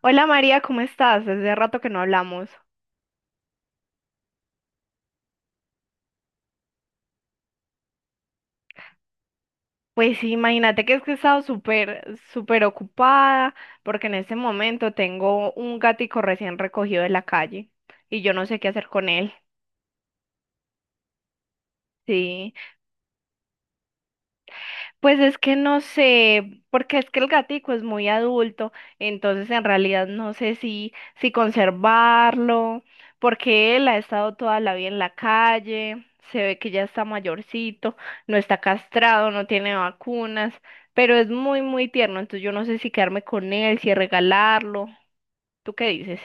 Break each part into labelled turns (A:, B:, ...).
A: Hola María, ¿cómo estás? Hace rato que no hablamos. Pues sí, imagínate que es que he estado súper ocupada porque en este momento tengo un gatico recién recogido de la calle y yo no sé qué hacer con él. Sí. Pues es que no sé, porque es que el gatico es muy adulto, entonces en realidad no sé si conservarlo, porque él ha estado toda la vida en la calle, se ve que ya está mayorcito, no está castrado, no tiene vacunas, pero es muy, muy tierno, entonces yo no sé si quedarme con él, si regalarlo. ¿Tú qué dices?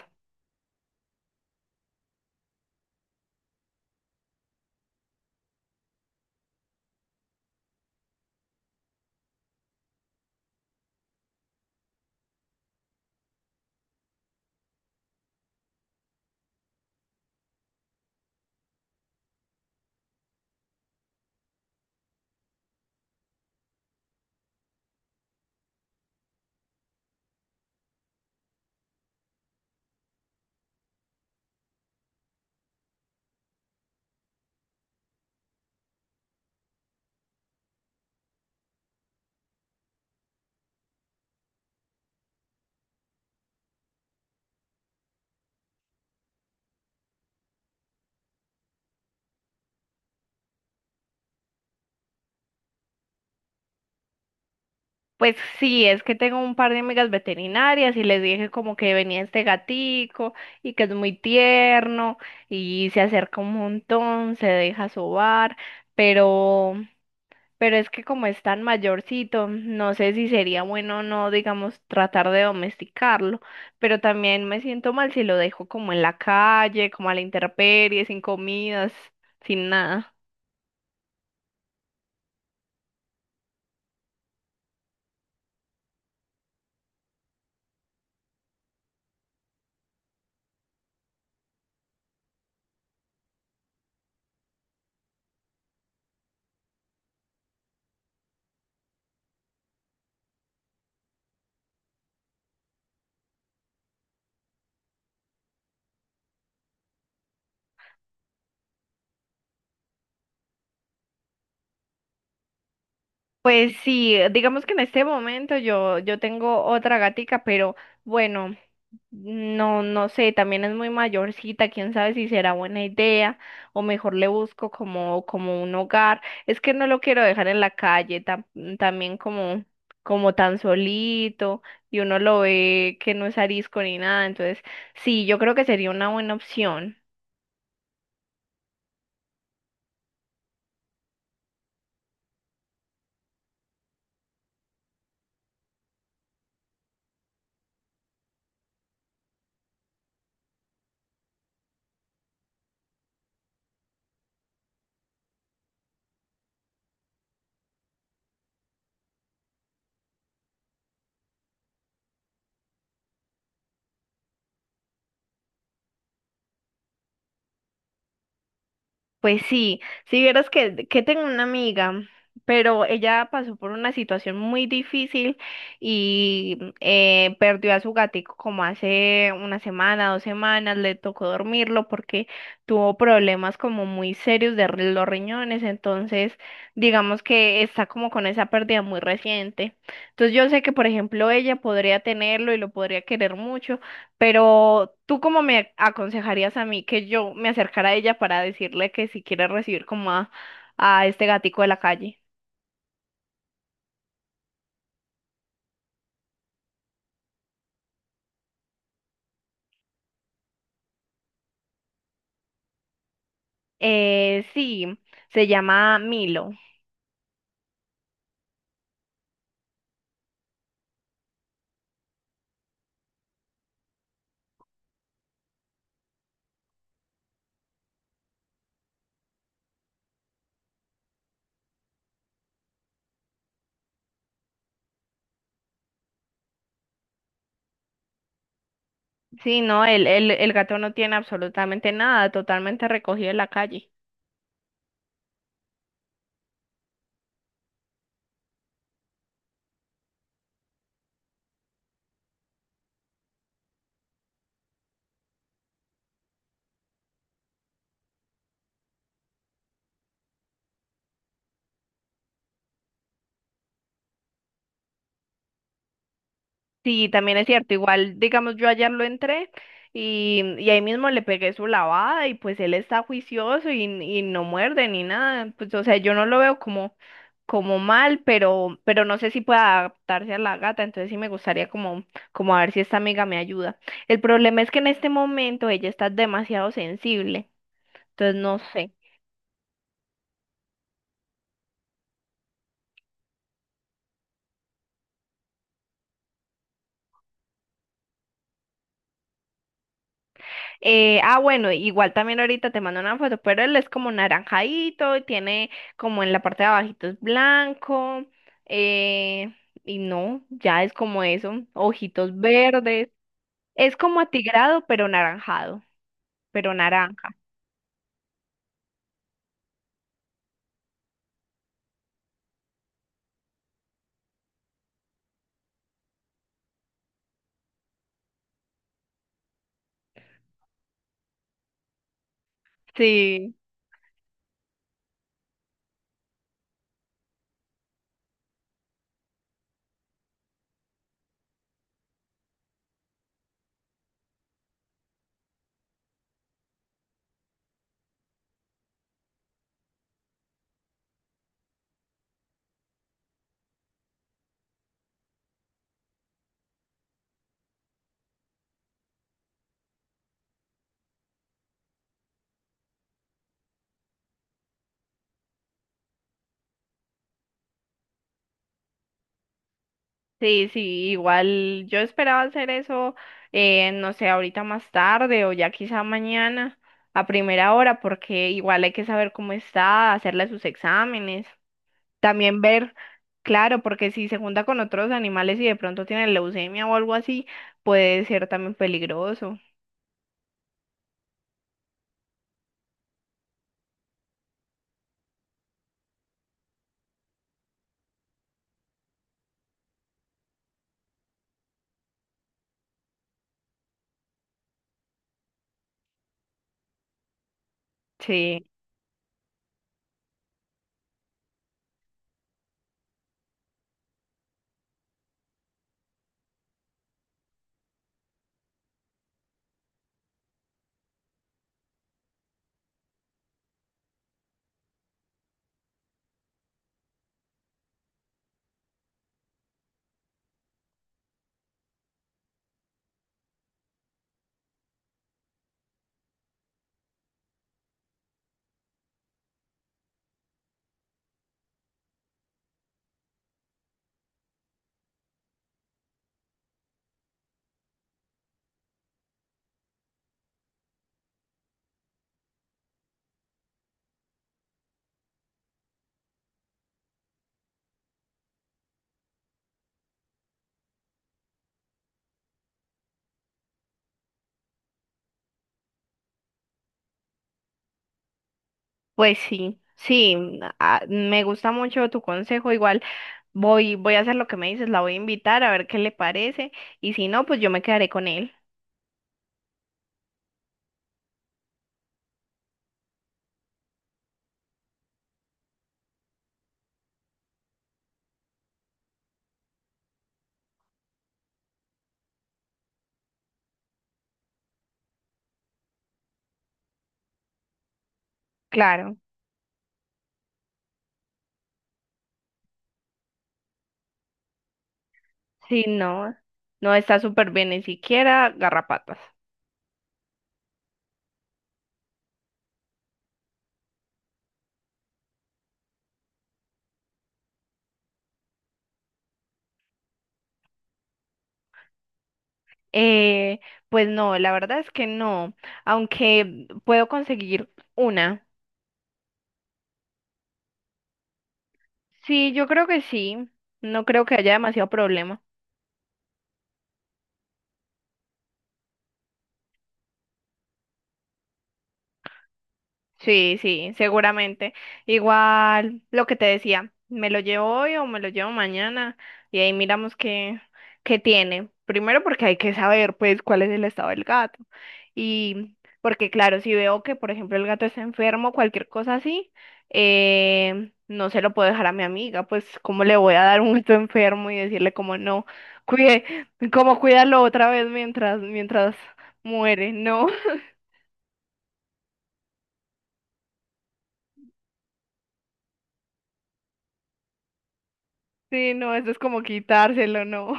A: Pues sí, es que tengo un par de amigas veterinarias y les dije como que venía este gatico y que es muy tierno y se acerca un montón, se deja sobar, pero pero es que como es tan mayorcito, no sé si sería bueno o no, digamos, tratar de domesticarlo, pero también me siento mal si lo dejo como en la calle, como a la intemperie, sin comidas, sin nada. Pues sí, digamos que en este momento yo tengo otra gatica, pero bueno, no, no sé, también es muy mayorcita, quién sabe si será buena idea o mejor le busco como un hogar. Es que no lo quiero dejar en la calle, también como tan solito y uno lo ve que no es arisco ni nada. Entonces, sí, yo creo que sería una buena opción. Pues sí, si vieras que tengo una amiga, pero ella pasó por una situación muy difícil y perdió a su gatico como hace una semana, dos semanas, le tocó dormirlo porque tuvo problemas como muy serios los riñones, entonces digamos que está como con esa pérdida muy reciente. Entonces yo sé que, por ejemplo, ella podría tenerlo y lo podría querer mucho, pero tú cómo me aconsejarías a mí que yo me acercara a ella para decirle que si quiere recibir a este gatico de la calle. Sí, se llama Milo. Sí, no, el gato no tiene absolutamente nada, totalmente recogido en la calle. Sí, también es cierto, igual, digamos, yo ayer lo entré y ahí mismo le pegué su lavada y pues él está juicioso y no muerde ni nada. Pues, o sea, yo no lo veo como mal, pero no sé si pueda adaptarse a la gata, entonces sí me gustaría como a ver si esta amiga me ayuda. El problema es que en este momento ella está demasiado sensible, entonces no sé. Bueno, igual también ahorita te mando una foto, pero él es como naranjadito, tiene como en la parte de abajito es blanco, eh, y no, ya es como eso, ojitos verdes. Es como atigrado, pero naranjado, pero naranja. Sí. Sí, igual yo esperaba hacer eso, no sé, ahorita más tarde o ya quizá mañana a primera hora, porque igual hay que saber cómo está, hacerle sus exámenes, también ver, claro, porque si se junta con otros animales y de pronto tiene leucemia o algo así, puede ser también peligroso. Sí, pues sí, sí, ah, me gusta mucho tu consejo, igual voy a hacer lo que me dices, la voy a invitar a ver qué le parece y si no, pues yo me quedaré con él. Claro. Sí, no, no está súper bien, ni siquiera garrapatas. Eh, pues no, la verdad es que no, aunque puedo conseguir una. Sí, yo creo que sí, no creo que haya demasiado problema. Sí, sí, seguramente. Igual lo que te decía, me lo llevo hoy o me lo llevo mañana y ahí miramos qué tiene. Primero porque hay que saber pues cuál es el estado del gato. Y porque claro, si veo que por ejemplo el gato está enfermo, cualquier cosa así, no se lo puedo dejar a mi amiga, pues cómo le voy a dar un gato enfermo y decirle como no, cuide, como cuídalo otra vez mientras muere, no. Sí, no, eso es como quitárselo, no.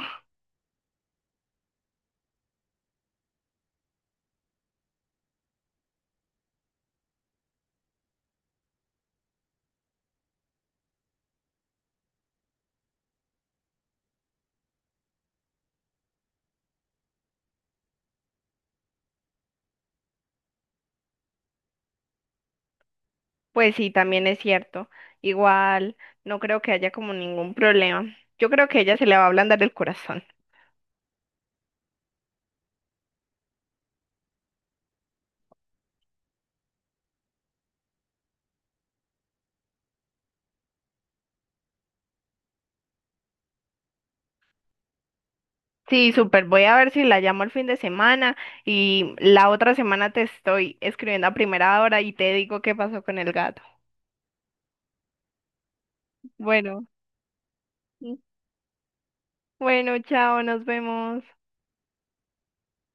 A: Pues sí, también es cierto. Igual, no creo que haya como ningún problema. Yo creo que ella se le va a ablandar el corazón. Sí, súper. Voy a ver si la llamo el fin de semana y la otra semana te estoy escribiendo a primera hora y te digo qué pasó con el gato. Bueno, bueno, chao, nos vemos.